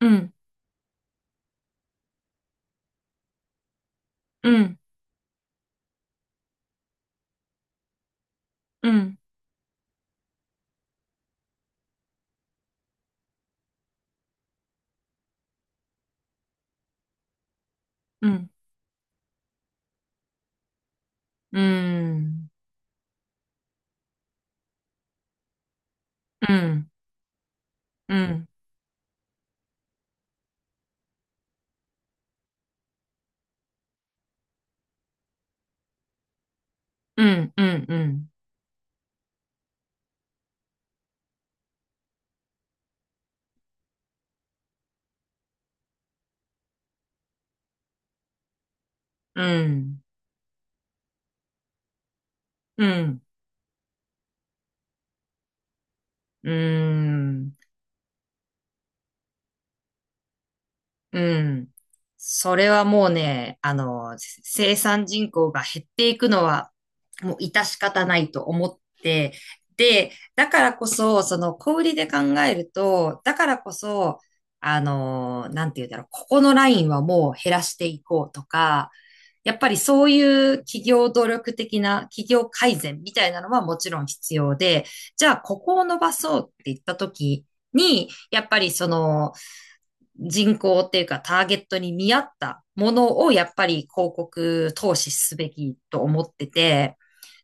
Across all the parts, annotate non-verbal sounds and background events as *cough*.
うん、うん、うん、うん、うん、うん、うん、うん、うん、うん、うん、うん、うん、うん。それはもうね、生産人口が減っていくのは、もう致し方ないと思って、で、だからこそ、その小売りで考えると、だからこそ、なんて言うんだろう、ここのラインはもう減らしていこうとか、やっぱりそういう企業努力的な企業改善みたいなのはもちろん必要で、じゃあここを伸ばそうって言った時に、やっぱりその人口っていうかターゲットに見合ったものをやっぱり広告投資すべきと思ってて、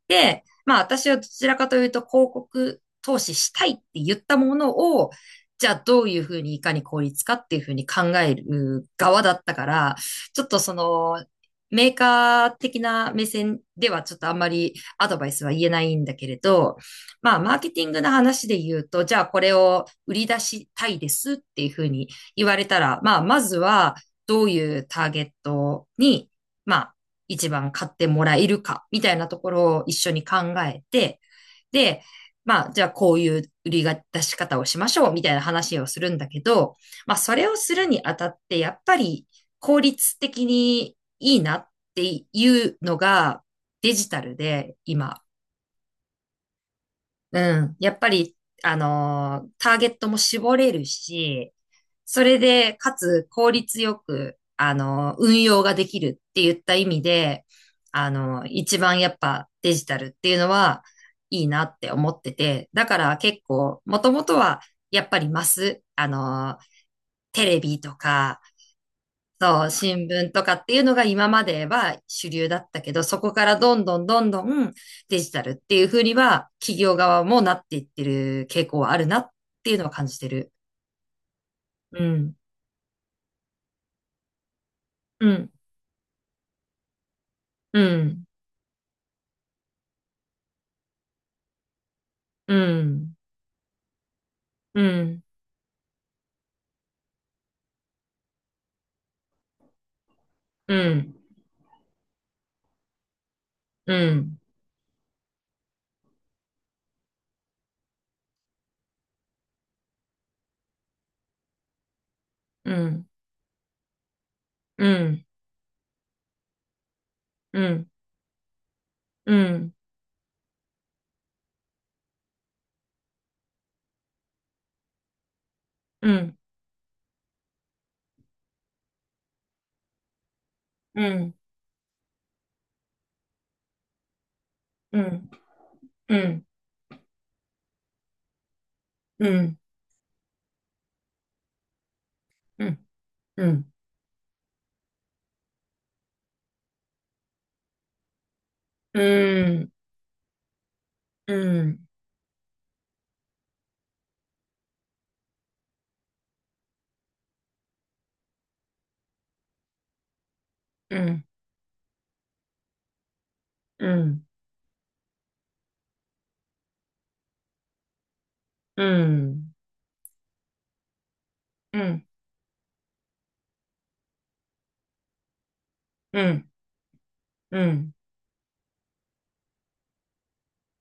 で、まあ私はどちらかというと広告投資したいって言ったものを、じゃあどういうふうにいかに効率かっていうふうに考える側だったから、ちょっとそのメーカー的な目線ではちょっとあんまりアドバイスは言えないんだけれど、まあマーケティングの話で言うと、じゃあこれを売り出したいですっていうふうに言われたら、まあまずはどういうターゲットに、まあ一番買ってもらえるか、みたいなところを一緒に考えて、で、まあ、じゃあこういう売り出し方をしましょう、みたいな話をするんだけど、まあ、それをするにあたって、やっぱり効率的にいいなっていうのがデジタルで今うん。やっぱり、ターゲットも絞れるし、それで、かつ効率よく、運用ができるって言った意味で、一番やっぱデジタルっていうのはいいなって思ってて、だから結構、もともとはやっぱりマス、テレビとか、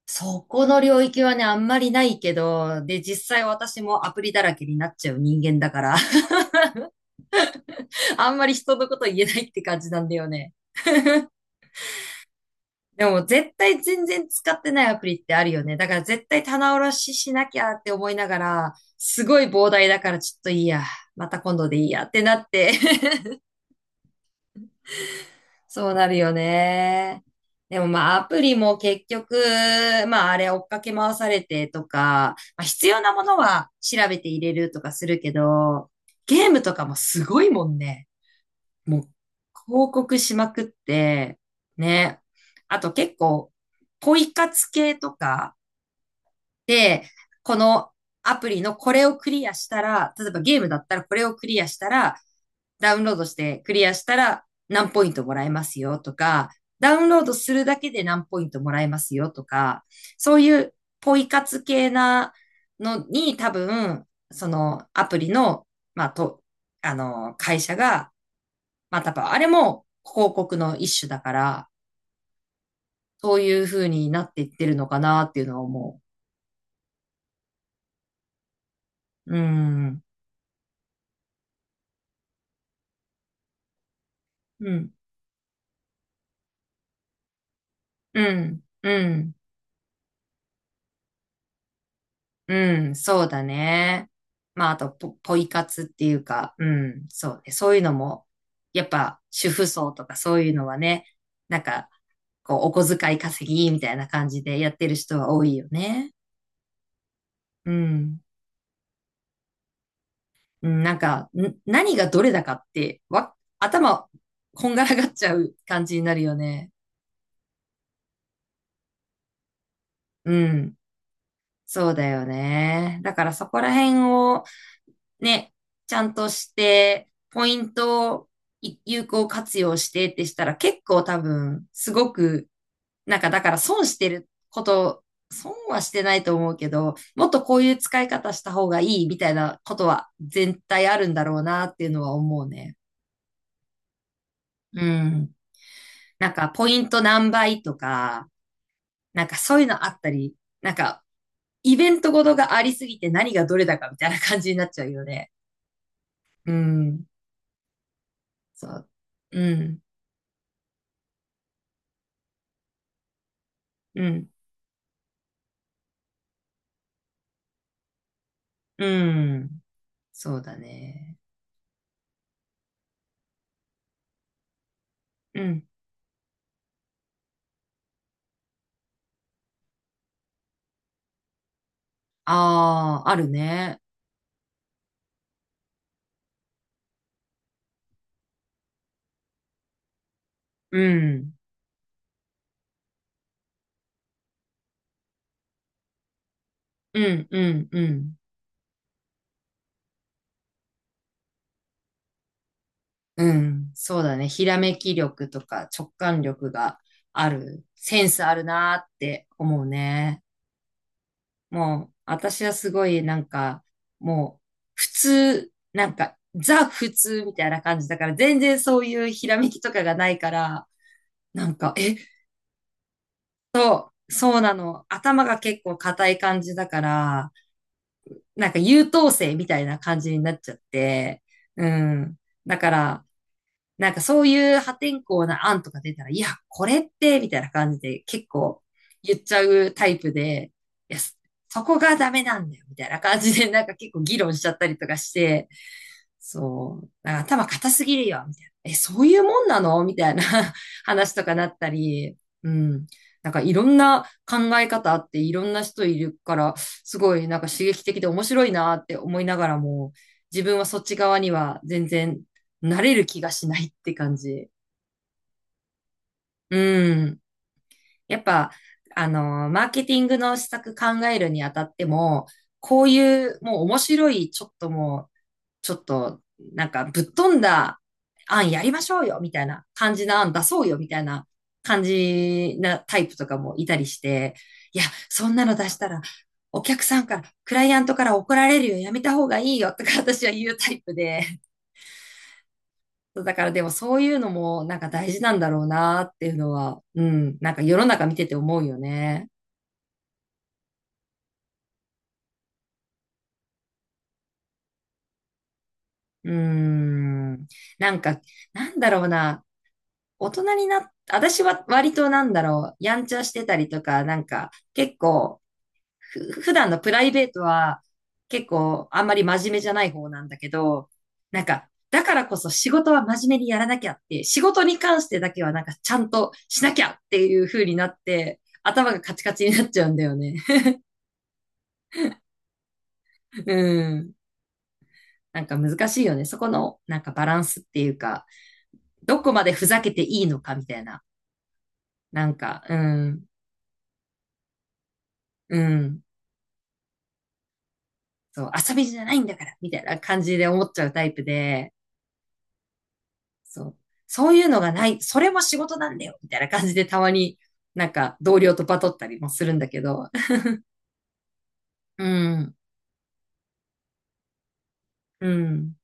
そこの領域はね、あんまりないけど、で、実際私もアプリだらけになっちゃう人間だから、*laughs* あんまり人のこと言えないって感じなんだよね。でも絶対全然使ってないアプリってあるよね。だから絶対棚卸ししなきゃって思いながら、すごい膨大だからちょっといいや。また今度でいいやってなって *laughs* そうなるよね。でもまあアプリも結局、まああれ追っかけ回されてとか、まあ、必要なものは調べて入れるとかするけど、ゲームとかもすごいもんね。もう広告しまくって、ね。あと結構、ポイ活系とか、で、このアプリのこれをクリアしたら、例えばゲームだったらこれをクリアしたら、ダウンロードしてクリアしたら何ポイントもらえますよとか、ダウンロードするだけで何ポイントもらえますよとか、そういうポイ活系なのに多分、そのアプリの、まあ、と、あの、会社が、まあ、多分あれも広告の一種だから、そういう風になっていってるのかなっていうのは思う。うん。うん。うん、うん、うん、そうだね。まあ、あとポイ活っていうか、うん、そうね。そういうのも、やっぱ、主婦層とかそういうのはね、なんか、こう、お小遣い稼ぎみたいな感じでやってる人は多いよね。うん。うんなんか、何がどれだかって、頭、こんがらがっちゃう感じになるよね。うん。そうだよね。だからそこら辺を、ね、ちゃんとして、ポイントを有効活用してってしたら結構多分、すごく、なんかだから損してること、損はしてないと思うけど、もっとこういう使い方した方がいいみたいなことは絶対あるんだろうなっていうのは思うね。うん。なんかポイント何倍とか、なんかそういうのあったり、なんかイベントごとがありすぎて何がどれだかみたいな感じになっちゃうよね。うん。そう。うん。うん。うん。そうだね。うん。ああ、あるね。うん。うん、うん、うん。うん。そうだね。ひらめき力とか直感力がある。センスあるなーって思うね。もう、私はすごいなんか、もう、普通、なんか、ザ普通みたいな感じだから、全然そういうひらめきとかがないから、なんか、え、そうなの。頭が結構硬い感じだから、なんか優等生みたいな感じになっちゃって、うん。だから、なんかそういう破天荒な案とか出たら、いや、これって、みたいな感じで結構言っちゃうタイプで、いや、そこがダメなんだよ、みたいな感じで、*laughs* なんか結構議論しちゃったりとかして、そう、なんか頭固すぎるよ、みたいな。え、そういうもんなのみたいな *laughs* 話とかなったり、うん。なんかいろんな考え方あっていろんな人いるから、すごいなんか刺激的で面白いなって思いながらも、自分はそっち側には全然慣れる気がしないって感じ。うん。やっぱ、マーケティングの施策考えるにあたっても、こういうもう面白い、ちょっともう、ちょっと、なんかぶっ飛んだ案やりましょうよ、みたいな感じの案出そうよ、みたいな感じなタイプとかもいたりして、いや、そんなの出したら、お客さんから、クライアントから怒られるよ、やめた方がいいよ、とか私は言うタイプで、だからでもそういうのもなんか大事なんだろうなっていうのは、うん、なんか世の中見てて思うよね。うーん。なんか、なんだろうな。大人になっ、私は割となんだろう、やんちゃしてたりとか、なんか結構、普段のプライベートは結構あんまり真面目じゃない方なんだけど、なんか、だからこそ仕事は真面目にやらなきゃって、仕事に関してだけはなんかちゃんとしなきゃっていう風になって、頭がカチカチになっちゃうんだよね。うん。なんか難しいよね。そこの、なんかバランスっていうか、どこまでふざけていいのかみたいな。なんか、うん、うん。そう、遊びじゃないんだから、みたいな感じで思っちゃうタイプで、そう、そういうのがない、それも仕事なんだよ、みたいな感じでたまに、なんか同僚とバトったりもするんだけど、うん、うん。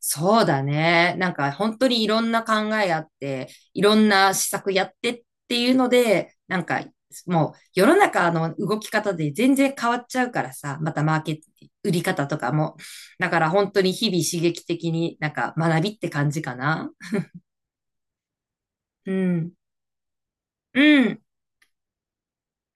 そうだね。なんか本当にいろんな考えあって、いろんな施策やってっていうので、なんかもう世の中の動き方で全然変わっちゃうからさ、またマーケット、売り方とかも。だから本当に日々刺激的になんか学びって感じかな。うん。うん。